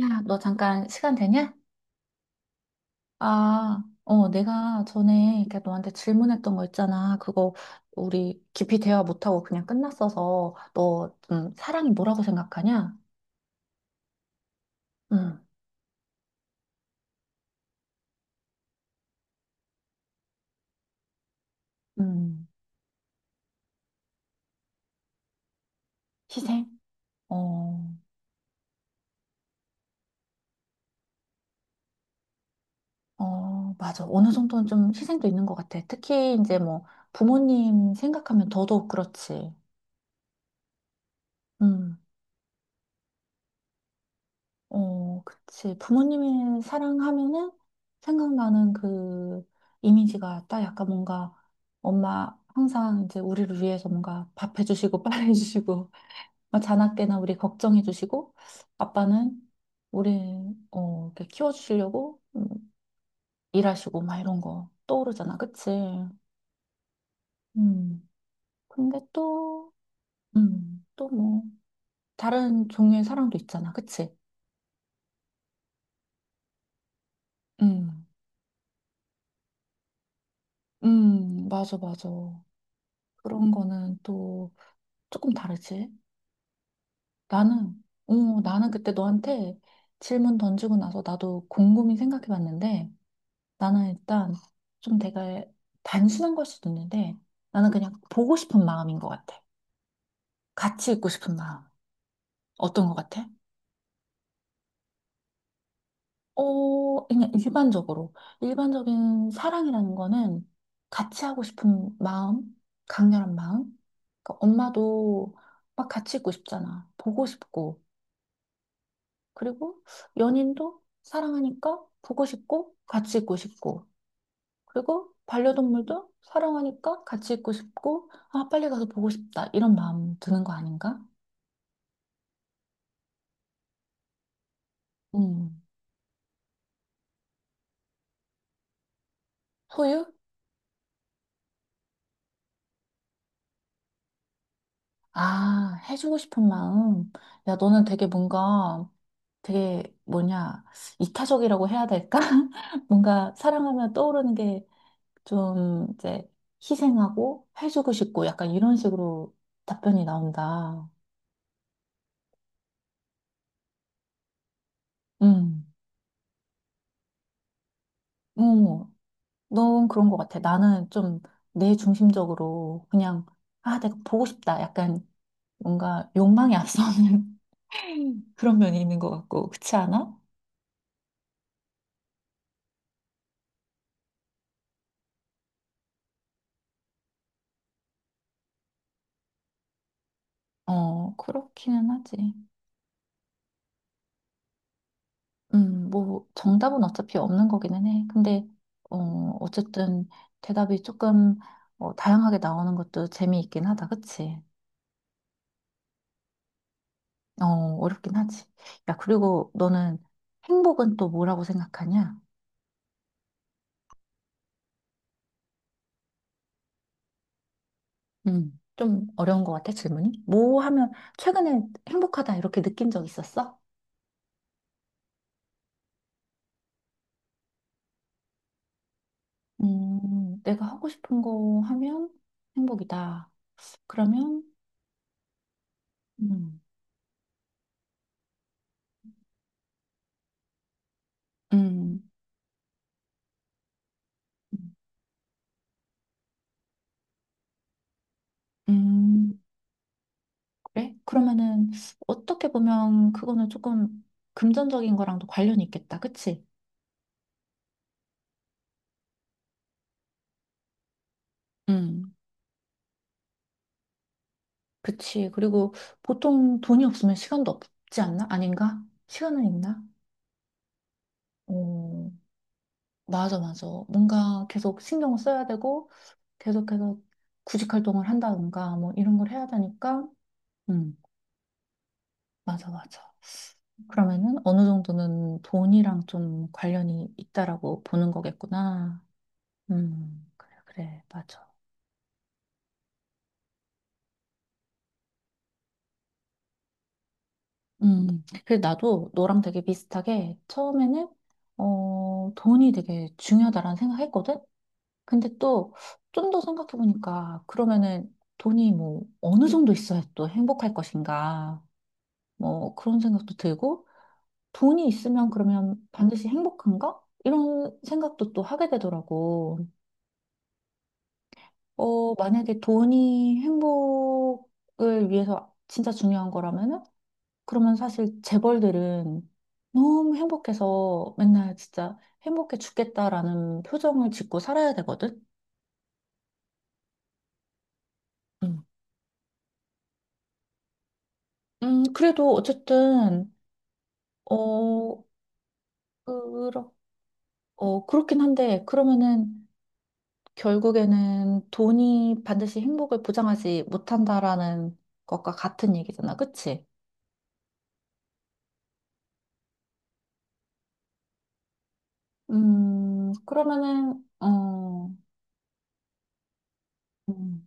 야, 너 잠깐 시간 되냐? 아, 어, 내가 전에 이렇게 너한테 질문했던 거 있잖아. 그거 우리 깊이 대화 못하고 그냥 끝났어서 너, 사랑이 뭐라고 생각하냐? 음, 음, 희생? 어, 어, 맞아. 어느 정도는 좀 희생도 있는 것 같아. 특히 이제 뭐 부모님 생각하면 더더욱 그렇지. 음. 어, 그치. 부모님의 사랑하면은 생각나는 그 이미지가 딱 약간 뭔가 엄마 항상 이제 우리를 위해서 뭔가 밥 해주시고 빨래 해주시고 막 자나깨나 우리 걱정해주시고 아빠는 우리 이렇게 키워주시려고 일하시고 막 이런 거 떠오르잖아. 그치? 음. 근데 또, 또 뭐, 다른 종류의 사랑도 있잖아. 그치? 음, 맞아, 맞아. 그런 거는 또 조금 다르지. 나는, 어, 나는 그때 너한테 질문 던지고 나서 나도 곰곰이 생각해 봤는데 나는 일단 좀 내가 단순한 걸 수도 있는데 나는 그냥 보고 싶은 마음인 것 같아. 같이 있고 싶은 마음. 어떤 것 같아? 어, 그냥 일반적으로. 일반적인 사랑이라는 거는 같이 하고 싶은 마음, 강렬한 마음. 그러니까 엄마도 막 같이 있고 싶잖아. 보고 싶고. 그리고 연인도 사랑하니까 보고 싶고 같이 있고 싶고 그리고 반려동물도 사랑하니까 같이 있고 싶고 아 빨리 가서 보고 싶다 이런 마음 드는 거 아닌가? 음 소유? 아 해주고 싶은 마음 야 너는 되게 뭔가 되게 뭐냐 이타적이라고 해야 될까? 뭔가 사랑하면 떠오르는 게 좀 이제 희생하고 해주고 싶고 약간 이런 식으로 답변이 나온다. 음. 어, 넌 그런 것 같아. 나는 좀 내 중심적으로 그냥, 아, 내가 보고 싶다. 약간 뭔가 욕망이 앞서는 그런 면이 있는 것 같고, 그렇지 않아? 어, 그렇기는 하지. 뭐, 정답은 어차피 없는 거기는 해. 근데, 어, 어쨌든 대답이 조금 다양하게 나오는 것도 재미있긴 하다. 그치? 어, 어렵긴 하지. 야, 그리고 너는 행복은 또 뭐라고 생각하냐? 좀 어려운 것 같아, 질문이. 뭐 하면 최근에 행복하다 이렇게 느낀 적 있었어? 내가 하고 싶은 거 하면 행복이다. 그러면, 음, 음, 음, 그래? 그러면은 어떻게 보면 그거는 조금 금전적인 거랑도 관련이 있겠다. 그치? 음, 그치. 그리고 보통 돈이 없으면 시간도 없지 않나? 아닌가? 시간은 있나? 어, 맞아, 맞아. 뭔가 계속 신경을 써야 되고, 계속해서 구직 활동을 한다든가 뭐 이런 걸 해야 되니까 음 맞아 맞아 그러면은 어느 정도는 돈이랑 좀 관련이 있다라고 보는 거겠구나 그래 그래 맞아 그래 나도 너랑 되게 비슷하게 처음에는 돈이 되게 중요하다라는 생각했거든 근데 또 좀 더 생각해 보니까 그러면은 돈이 뭐 어느 정도 있어야 또 행복할 것인가 뭐 그런 생각도 들고 돈이 있으면 그러면 반드시 행복한가? 이런 생각도 또 하게 되더라고. 어, 만약에 돈이 행복을 위해서 진짜 중요한 거라면은, 그러면 사실 재벌들은 너무 행복해서 맨날 진짜 행복해 죽겠다라는 표정을 짓고 살아야 되거든? 음, 그래도 어쨌든, 어, 그렇, 그렇긴 한데, 그러면은, 결국에는 돈이 반드시 행복을 보장하지 못한다라는 것과 같은 얘기잖아. 그치? 그러면은, 음,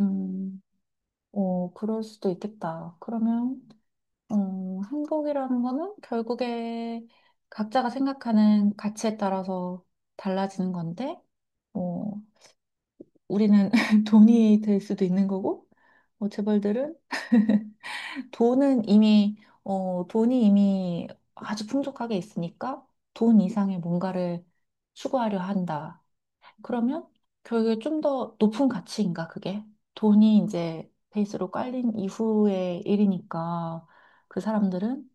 음, 그럴 수도 있겠다. 그러면, 행복이라는 거는 결국에 각자가 생각하는 가치에 따라서 달라지는 건데, 어, 우리는 돈이 될 수도 있는 거고, 재벌들은 돈은 이미, 돈이 이미 아주 풍족하게 있으니까 돈 이상의 뭔가를 추구하려 한다. 그러면 결국에 좀 더 높은 가치인가, 그게? 돈이 이제 베이스로 깔린 이후의 일이니까 그 사람들은,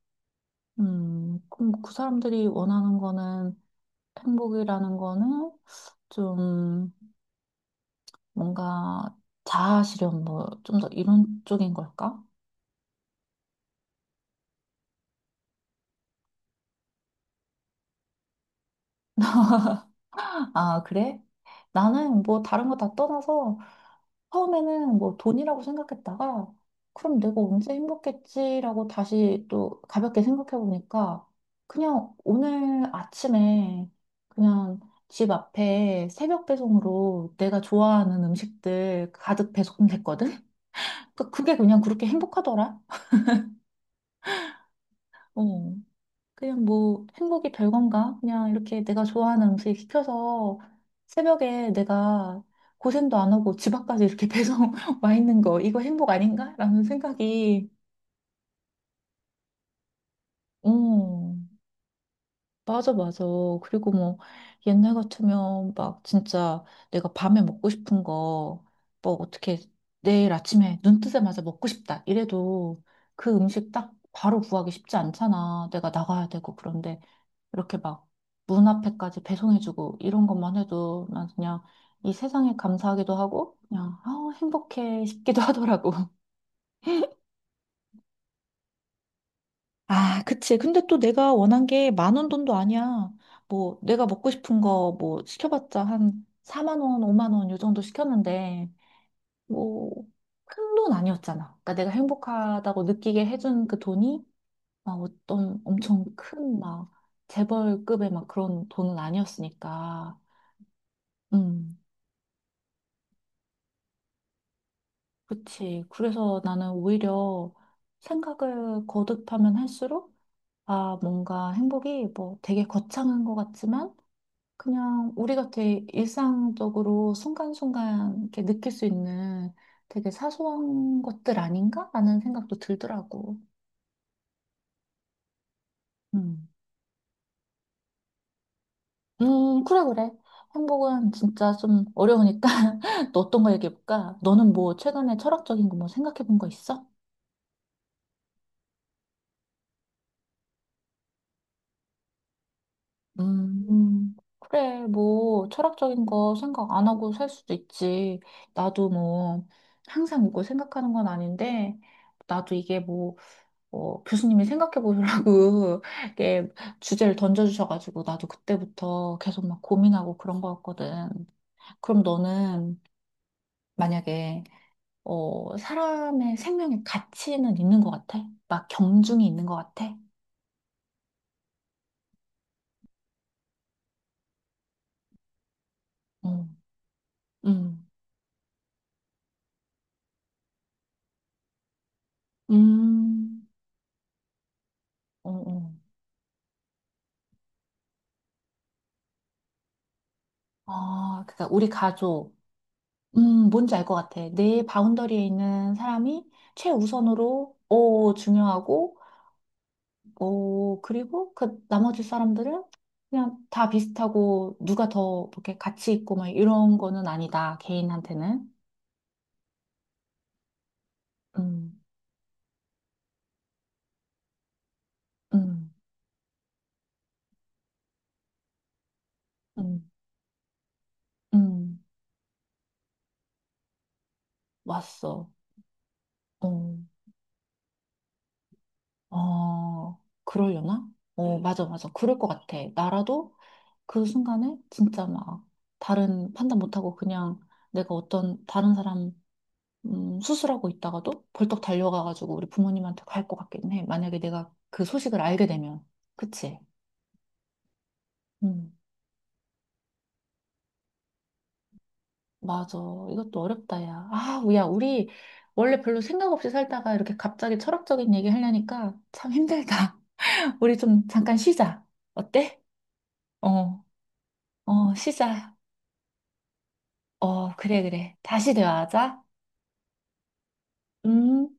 그럼 그 사람들이 원하는 거는 행복이라는 거는 좀 뭔가 자아실현 뭐 좀 더 이런 쪽인 걸까? 아, 그래? 나는 뭐 다른 거 다 떠나서 처음에는 뭐 돈이라고 생각했다가 그럼 내가 언제 행복했지라고 다시 또 가볍게 생각해 보니까 그냥 오늘 아침에 그냥 집 앞에 새벽 배송으로 내가 좋아하는 음식들 가득 배송됐거든? 그게 그냥 그렇게 행복하더라. 어. 그냥 뭐 행복이 별건가? 그냥 이렇게 내가 좋아하는 음식 시켜서 새벽에 내가 고생도 안 하고 집 앞까지 이렇게 배송 와 있는 거, 이거 행복 아닌가? 라는 생각이, 어, 맞아, 맞아. 그리고 뭐 옛날 같으면 막 진짜 내가 밤에 먹고 싶은 거, 뭐 어떻게 내일 아침에 눈 뜨자마자 먹고 싶다. 이래도 그 음식 딱 바로 구하기 쉽지 않잖아. 내가 나가야 되고 그런데. 이렇게 막 문 앞에까지 배송해주고 이런 것만 해도 난 그냥 이 세상에 감사하기도 하고 그냥 아 행복해 싶기도 하더라고. 아, 그치. 근데 또 내가 원한 게 10,000원 돈도 아니야. 뭐, 내가 먹고 싶은 거 뭐 시켜봤자 한 4만 원, 5만 원 요 정도 시켰는데, 뭐, 큰 돈 아니었잖아. 그러니까 내가 행복하다고 느끼게 해준 그 돈이 막 어떤 엄청 큰 막 재벌급의 막 그런 돈은 아니었으니까. 음. 그치. 그래서 나는 오히려 생각을 거듭하면 할수록, 아, 뭔가 행복이 뭐 되게 거창한 것 같지만, 그냥 우리가 되게 일상적으로 순간순간 이렇게 느낄 수 있는 되게 사소한 것들 아닌가? 라는 생각도 들더라고. 음. 그래, 그래. 행복은 진짜 좀 어려우니까 또 어떤 거 얘기해볼까? 너는 뭐 최근에 철학적인 거 뭐 생각해본 거 있어? 그래, 뭐, 철학적인 거 생각 안 하고 살 수도 있지. 나도 뭐, 항상 이걸 생각하는 건 아닌데, 나도 이게 뭐, 교수님이 생각해 보라고, 이렇게 주제를 던져주셔가지고, 나도 그때부터 계속 막 고민하고 그런 거였거든. 그럼 너는 만약에, 사람의 생명의 가치는 있는 것 같아? 막 경중이 있는 것 같아? 응, 응, 음, 응, 응. 아, 그러니까 우리 가족. 뭔지 알 것 같아. 내 바운더리에 있는 사람이 최우선으로 중요하고 어, 그리고 그 나머지 사람들은 그냥 다 비슷하고 누가 더 이렇게 가치 있고 막 이런 거는 아니다. 개인한테는. 음. 음. 음. 음. 왔어. 어. 어. 그러려나? 어, 맞아, 맞아. 그럴 것 같아. 나라도 그 순간에 진짜 막 다른 판단 못하고 그냥 내가 어떤 다른 사람 수술하고 있다가도 벌떡 달려가가지고 우리 부모님한테 갈 것 같긴 해. 만약에 내가 그 소식을 알게 되면. 그치? 음, 맞아. 이것도 어렵다, 야. 아, 야, 우리 원래 별로 생각 없이 살다가 이렇게 갑자기 철학적인 얘기 하려니까 참 힘들다. 우리 좀 잠깐 쉬자. 어때? 어, 어, 쉬자. 어, 그래, 그래. 다시 대화하자. 음.